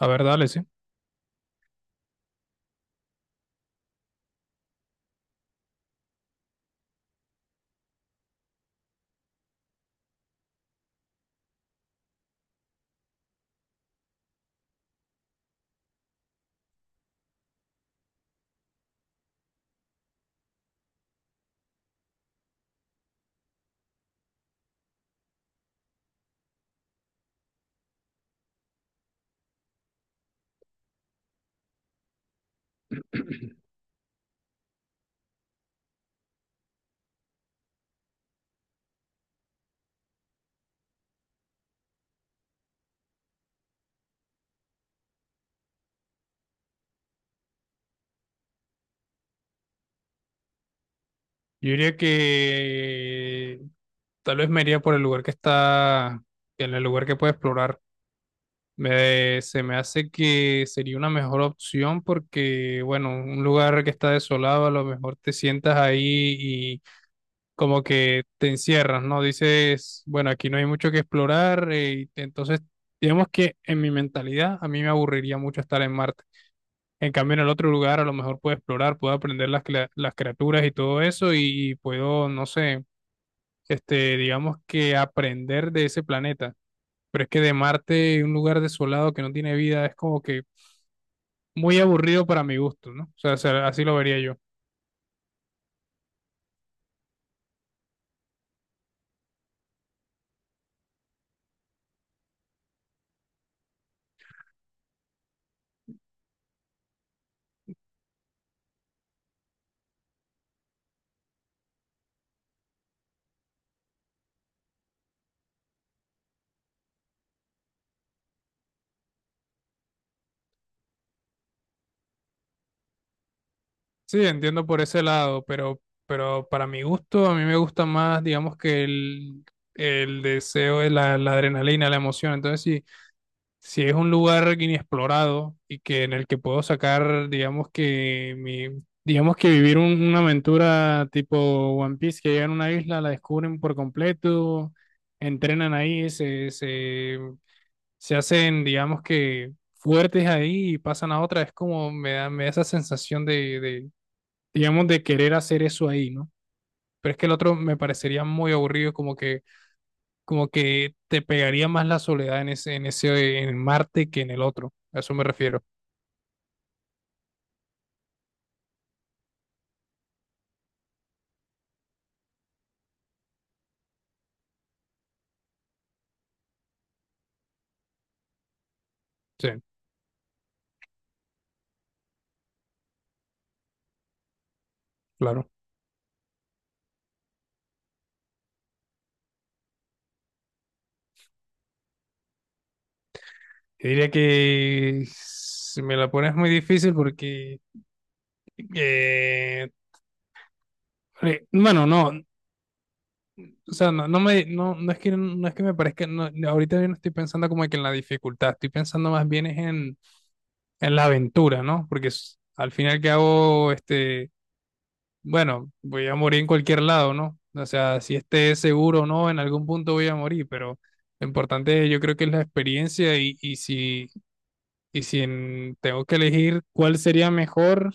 A ver, dale, sí. Yo diría que tal vez me iría por el lugar que está, en el lugar que puede explorar. Se me hace que sería una mejor opción porque, bueno, un lugar que está desolado, a lo mejor te sientas ahí y como que te encierras, ¿no? Dices, bueno, aquí no hay mucho que explorar, y entonces, digamos que en mi mentalidad, a mí me aburriría mucho estar en Marte. En cambio, en el otro lugar a lo mejor puedo explorar, puedo aprender las criaturas y todo eso y puedo, no sé, digamos que aprender de ese planeta. Pero es que de Marte, un lugar desolado que no tiene vida, es como que muy aburrido para mi gusto, ¿no? O sea, así lo vería yo. Sí, entiendo por ese lado, pero para mi gusto, a mí me gusta más, digamos que el deseo, la adrenalina, la emoción. Entonces, sí. Si es un lugar inexplorado y que en el que puedo sacar, digamos que mi, digamos que vivir una aventura tipo One Piece, que llegan a una isla, la descubren por completo, entrenan ahí, se hacen, digamos que fuertes ahí y pasan a otra, es como me da esa sensación de, digamos, de querer hacer eso ahí, ¿no? Pero es que el otro me parecería muy aburrido, como que te pegaría más la soledad en ese, en ese, en Marte que en el otro. A eso me refiero. Sí, claro. Yo diría que si me la pones muy difícil porque, eh, bueno, no, o sea, no, no, no es que, no es que me parezca, no, no, ahorita yo no estoy pensando como que en la dificultad, estoy pensando más bien es en la aventura, ¿no? Porque al final que hago, bueno, voy a morir en cualquier lado, ¿no? O sea, si esté seguro o no, en algún punto voy a morir, pero lo importante yo creo que es la experiencia y, y si tengo que elegir cuál sería mejor,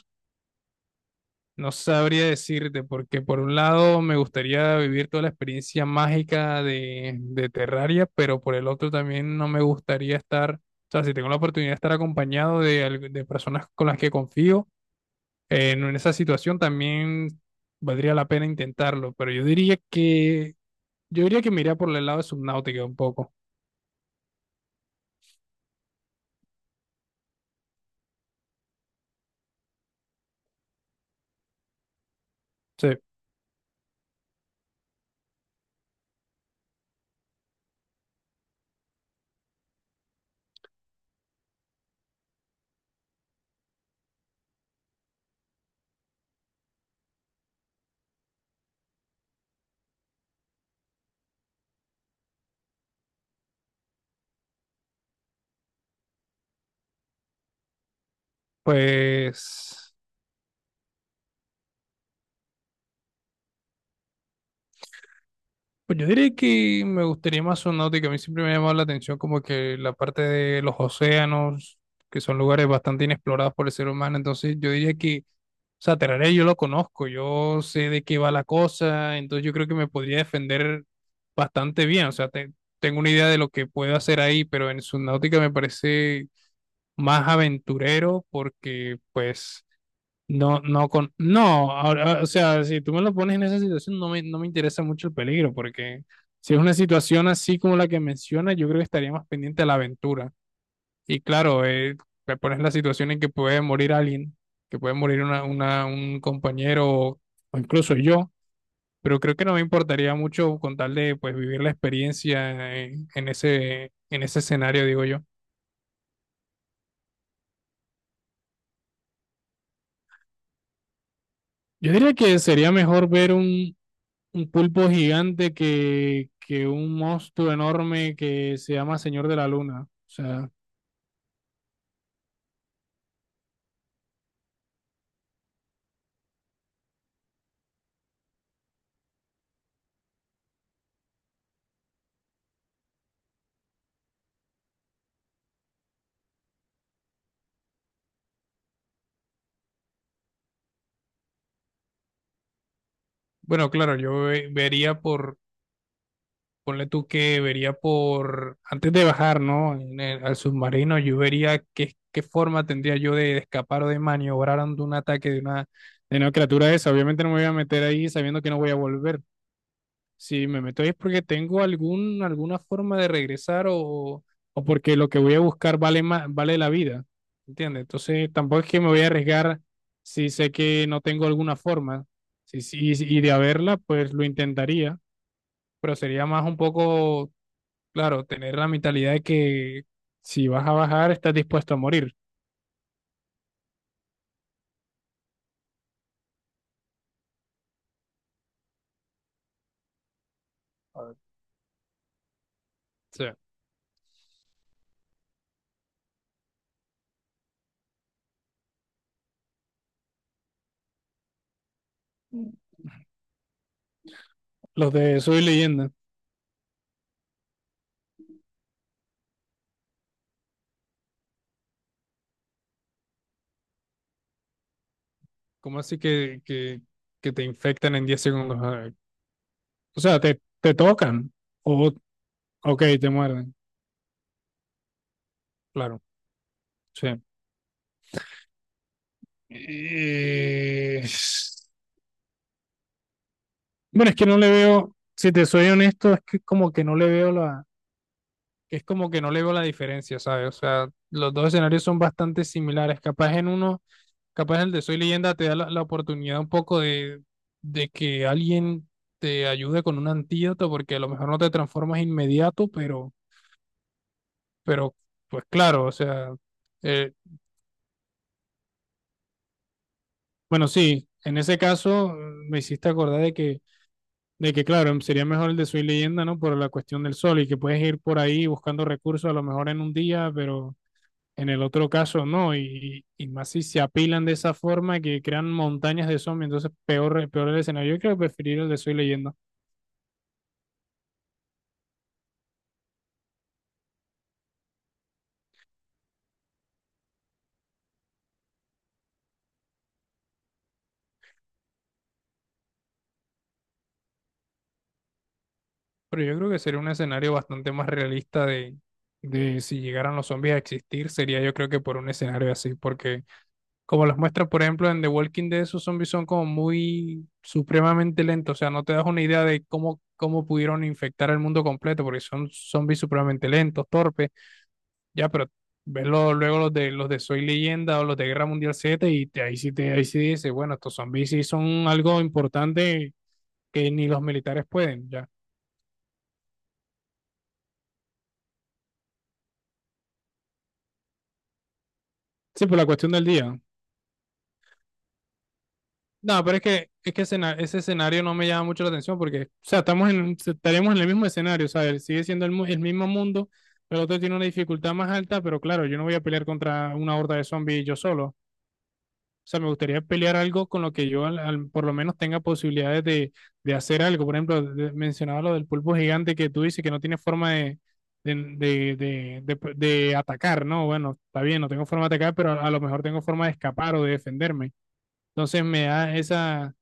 no sabría decirte, porque por un lado me gustaría vivir toda la experiencia mágica de Terraria, pero por el otro también no me gustaría estar, o sea, si tengo la oportunidad de estar acompañado de, de personas con las que confío en esa situación también valdría la pena intentarlo, pero yo diría que me iría por el lado de Subnautica un poco. Sí, pues pues yo diría que me gustaría más Subnautica, a mí siempre me ha llamado la atención como que la parte de los océanos, que son lugares bastante inexplorados por el ser humano, entonces yo diría que. O sea, Terraria yo lo conozco, yo sé de qué va la cosa, entonces yo creo que me podría defender bastante bien. O sea, tengo una idea de lo que puedo hacer ahí, pero en Subnautica me parece más aventurero porque, pues, no, no con. No, ahora, o sea, si tú me lo pones en esa situación, no me interesa mucho el peligro, porque si es una situación así como la que mencionas, yo creo que estaría más pendiente a la aventura. Y claro, te pones en la situación en que puede morir alguien, que puede morir un compañero o incluso yo, pero creo que no me importaría mucho con tal de pues vivir la experiencia en ese escenario, digo yo. Yo diría que sería mejor ver un pulpo gigante que un monstruo enorme que se llama Señor de la Luna. O sea, bueno, claro, yo vería por. Ponle tú que vería por, antes de bajar, ¿no? Al submarino, yo vería qué, qué forma tendría yo de, escapar o de maniobrar ante un ataque de una criatura de esa. Obviamente no me voy a meter ahí sabiendo que no voy a volver. Si me meto ahí es porque tengo algún, alguna forma de regresar o porque lo que voy a buscar vale más, vale la vida. ¿Entiendes? Entonces tampoco es que me voy a arriesgar si sé que no tengo alguna forma. Sí, sí, y de haberla, pues lo intentaría, pero sería más un poco. Claro, tener la mentalidad de que si vas a bajar, estás dispuesto a morir. O sea, los de Soy Leyenda, ¿cómo así que te infectan en 10 segundos? A ver, o sea, te tocan o, ok, te muerden. Claro, sí. Eh, Bueno, es que no le veo, si te soy honesto, es que como que no le veo la, es como que no le veo la diferencia, ¿sabes? O sea, los dos escenarios son bastante similares. Capaz en uno. Capaz el de Soy Leyenda te da la oportunidad un poco de que alguien te ayude con un antídoto, porque a lo mejor no te transformas inmediato, pero pues claro, o sea, eh, bueno, sí, en ese caso mm, me hiciste acordar de que claro, sería mejor el de Soy Leyenda, ¿no? Por la cuestión del sol y que puedes ir por ahí buscando recursos a lo mejor en un día, pero en el otro caso no, y más si se apilan de esa forma que crean montañas de zombies, entonces peor, peor el escenario. Yo creo que preferiría el de Soy Leyenda. Pero yo creo que sería un escenario bastante más realista de si llegaran los zombies a existir, sería yo creo que por un escenario así, porque como los muestra, por ejemplo, en The Walking Dead, esos zombies son como muy supremamente lentos, o sea, no te das una idea de cómo, cómo pudieron infectar el mundo completo, porque son zombies supremamente lentos, torpes, ya, pero ves luego los de Soy Leyenda o los de Guerra Mundial Z y ahí sí te, ahí sí dices, bueno, estos zombies sí son algo importante que ni los militares pueden, ya. Sí, por la cuestión del día. No, pero es que ese escenario no me llama mucho la atención porque, o sea, estamos en, estaremos en el mismo escenario, o sea, él sigue siendo el, el mismo mundo, pero el otro tiene una dificultad más alta, pero claro, yo no voy a pelear contra una horda de zombies yo solo. O sea, me gustaría pelear algo con lo que yo por lo menos tenga posibilidades de hacer algo. Por ejemplo, mencionaba lo del pulpo gigante que tú dices que no tiene forma de, de, de, de atacar, ¿no? Bueno, está bien, no tengo forma de atacar, pero a lo mejor tengo forma de escapar o de defenderme. Entonces me da esa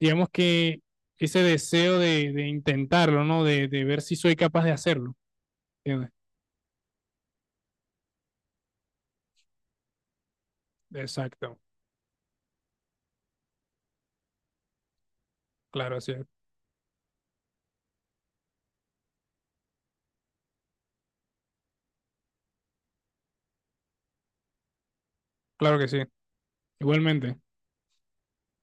digamos que ese deseo de intentarlo, ¿no? De ver si soy capaz de hacerlo. ¿Entiendes? Exacto, claro, así es. Claro que sí. Igualmente.